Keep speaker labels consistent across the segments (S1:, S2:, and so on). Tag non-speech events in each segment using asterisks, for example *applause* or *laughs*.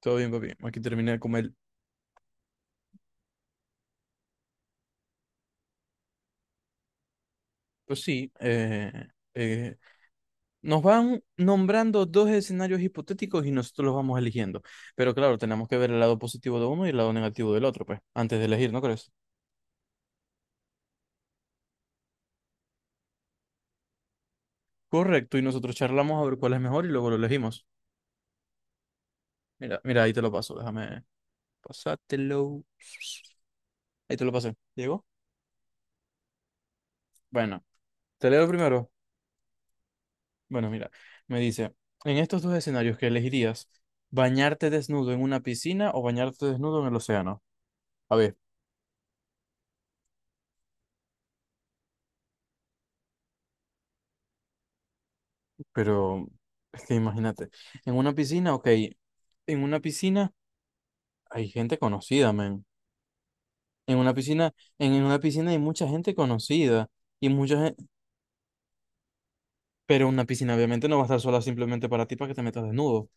S1: Todo bien, papi. Aquí terminé de comer. Pues sí, eh, nos van nombrando dos escenarios hipotéticos y nosotros los vamos eligiendo. Pero claro, tenemos que ver el lado positivo de uno y el lado negativo del otro, pues, antes de elegir, ¿no crees? Correcto, y nosotros charlamos a ver cuál es mejor y luego lo elegimos. Mira, mira, ahí te lo paso, déjame pasártelo. Ahí te lo pasé. ¿Llegó? Bueno, te leo primero. Bueno, mira, me dice, en estos dos escenarios, que elegirías, bañarte desnudo en una piscina o bañarte desnudo en el océano? A ver. Pero es que imagínate, en una piscina, ok, en una piscina hay gente conocida, men. En una piscina, en una piscina, hay mucha gente conocida y mucha gente, pero una piscina obviamente no va a estar sola simplemente para ti para que te metas desnudo.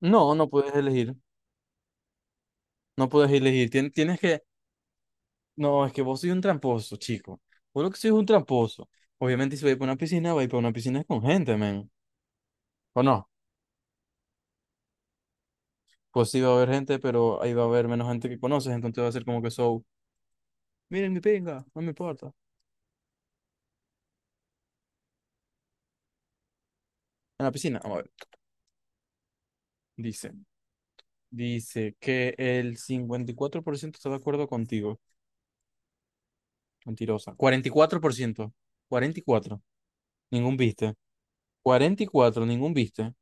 S1: No, no puedes elegir, no puedes elegir. Tienes que, no, es que vos sois un tramposo, chico. Vos lo que sois es un tramposo. Obviamente si vais para una piscina, vais para una piscina con gente, men. ¿O no? Pues sí va a haber gente, pero ahí va a haber menos gente que conoces, entonces va a ser como que show. Miren mi pinga, no me importa. En la piscina, vamos a ver. Dice, dice que el 54% está de acuerdo contigo. Mentirosa. 44%, cuarenta y cuatro. Ningún viste. Cuarenta y cuatro, ningún viste.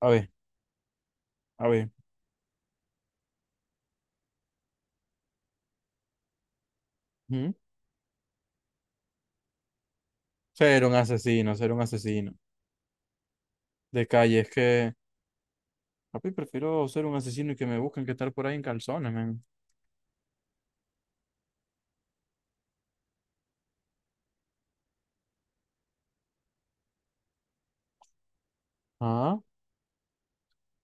S1: A ver, a ver. ¿Mm? Ser un asesino, ser un asesino. De calle, es que, papi, prefiero ser un asesino y que me busquen que estar por ahí en calzones, man. Ah,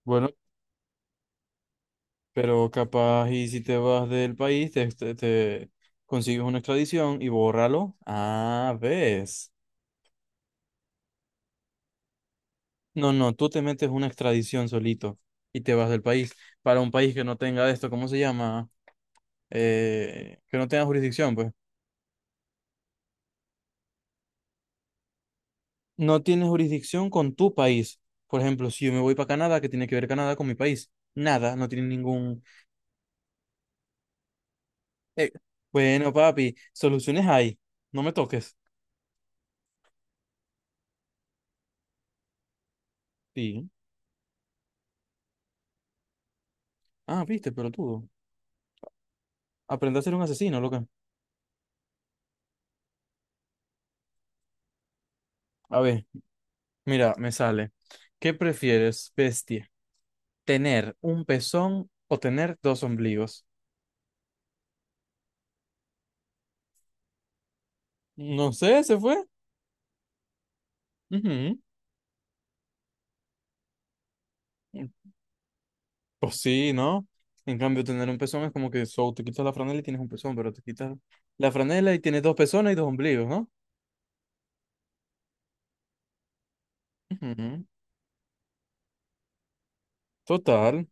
S1: bueno, pero capaz y si te vas del país, te consigues una extradición y bórralo. Ah, ves. No, no, tú te metes una extradición solito y te vas del país, para un país que no tenga esto, ¿cómo se llama? Que no tenga jurisdicción, pues. No tienes jurisdicción con tu país. Por ejemplo, si yo me voy para Canadá, ¿qué tiene que ver Canadá con mi país? Nada, no tiene ningún... eh, bueno, papi, soluciones hay, no me toques. Sí. Ah, viste, pero tú, aprende a ser un asesino, loca. A ver, mira, me sale. ¿Qué prefieres, bestia? ¿Tener un pezón o tener dos ombligos? No sé, se fue. Ujú. Pues sí, ¿no? En cambio, tener un pezón es como que so, te quitas la franela y tienes un pezón, pero te quitas la franela y tienes dos pezones y dos ombligos, ¿no? Ujú. Total.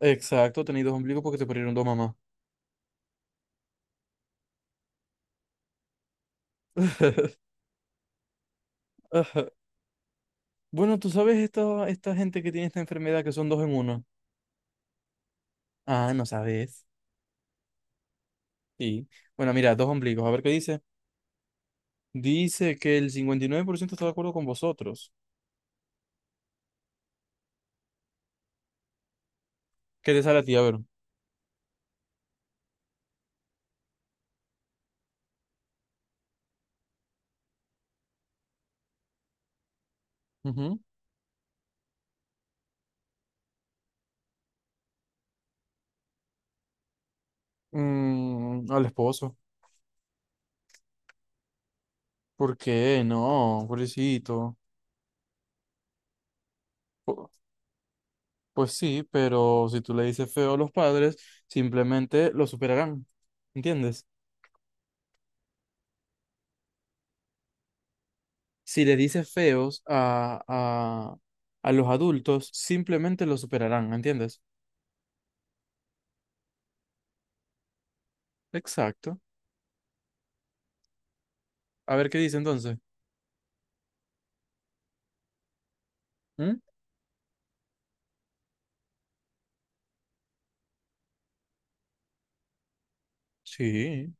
S1: Exacto, tenéis dos ombligos porque te parieron dos mamás. *laughs* Ajá. Bueno, tú sabes esta gente que tiene esta enfermedad que son dos en uno. Ah, no sabes. Sí. Bueno, mira, dos ombligos. A ver qué dice. Dice que el 59% está de acuerdo con vosotros. ¿Qué te sale a ti? A ver. Ujú. Mm, al esposo. ¿Por qué? No, pobrecito. Po- Pues sí, pero si tú le dices feo a los padres, simplemente lo superarán. ¿Entiendes? Si le dices feos a, los adultos, simplemente lo superarán. ¿Entiendes? Exacto. A ver qué dice entonces. ¿Mm? Sí,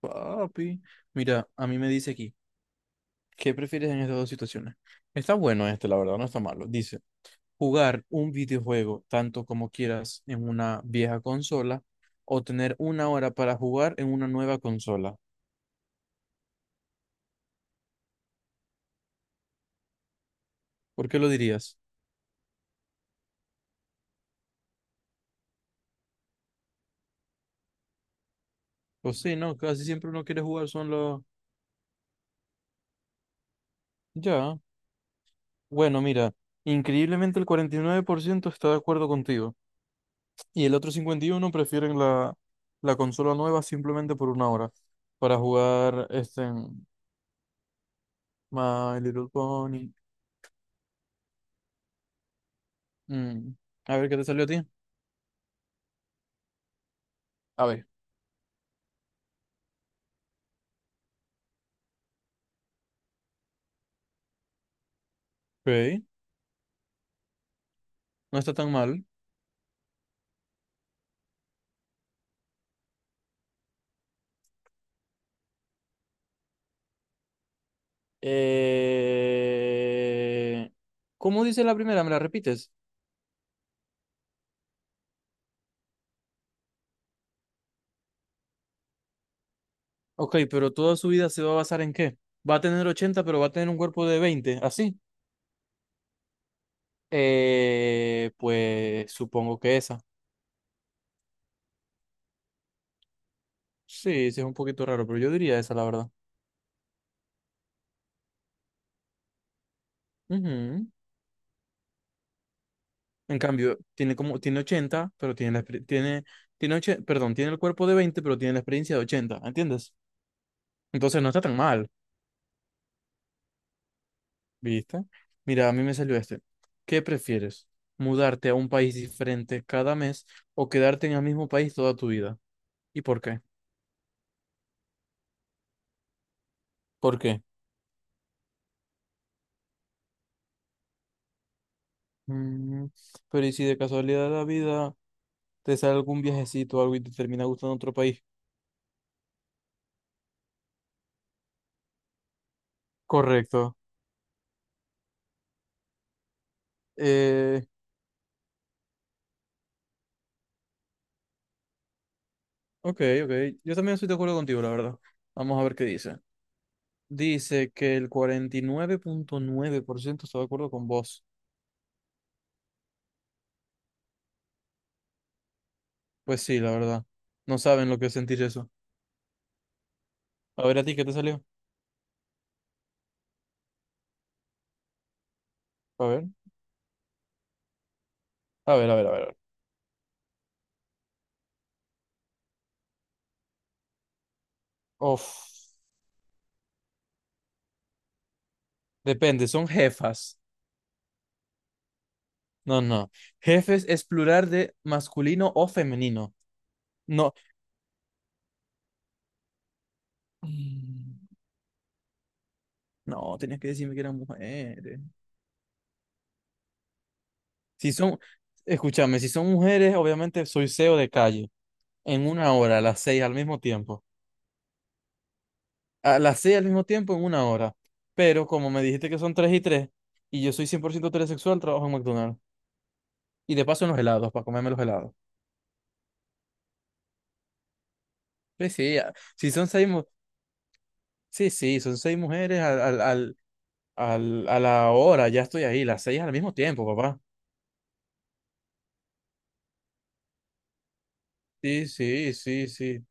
S1: papi. Mira, a mí me dice aquí, ¿qué prefieres en estas dos situaciones? Está bueno este, la verdad, no está malo. Dice, jugar un videojuego tanto como quieras en una vieja consola o tener una hora para jugar en una nueva consola. ¿Por qué lo dirías? Pues sí, no, casi siempre uno quiere jugar son los... Ya. Bueno, mira, increíblemente el 49% está de acuerdo contigo y el otro 51% prefieren la, consola nueva simplemente por una hora para jugar este en My Little Pony. Mm. A ver qué te salió a ti. A ver. Ok, no está tan mal. Eh, ¿Cómo dice la primera? ¿Me la repites? Ok, pero ¿toda su vida se va a basar en qué? ¿Va a tener 80 pero va a tener un cuerpo de 20 así? Pues supongo que esa. Sí, sí es un poquito raro, pero yo diría esa, la verdad. Ujú. En cambio, tiene como, tiene 80 pero tiene la, exper- tiene, tiene oche- perdón, tiene el cuerpo de 20 pero tiene la experiencia de ochenta, ¿entiendes? Entonces no está tan mal. ¿Viste? Mira, a mí me salió este. ¿Qué prefieres? ¿Mudarte a un país diferente cada mes o quedarte en el mismo país toda tu vida? ¿Y por qué? ¿Por qué? Mm, pero ¿y si de casualidad de la vida te sale algún viajecito o algo y te termina gustando otro país? Correcto. Eh, ok, ok. Yo también estoy de acuerdo contigo, la verdad. Vamos a ver qué dice. Dice que el 49,9% está de acuerdo con vos. Pues sí, la verdad. No saben lo que es sentir eso. A ver, ¿a ti qué te salió? A ver, a ver, a ver, a ver. Uf, depende, son jefas. No, no. Jefes es plural de masculino o femenino. No. Mm, no, tenías que decirme que eran mujeres. Si son, escúchame, si son mujeres, obviamente soy CEO de calle. En una hora, a las seis al mismo tiempo. A las seis al mismo tiempo, en una hora. Pero como me dijiste que son tres y tres, y yo soy 100% heterosexual, trabajo en McDonald's. Y de paso en los helados, para comerme los helados. Sí, sí, ya. Si son seis, sí, sí, son seis mujeres al, al, al, a la hora, ya estoy ahí, las seis al mismo tiempo, papá. Sí, sí, sí, sí.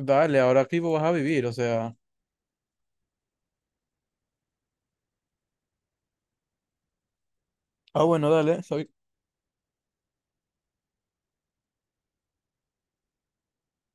S1: Dale, ahora aquí vos vas a vivir, o sea. Ah, bueno, dale, está bien.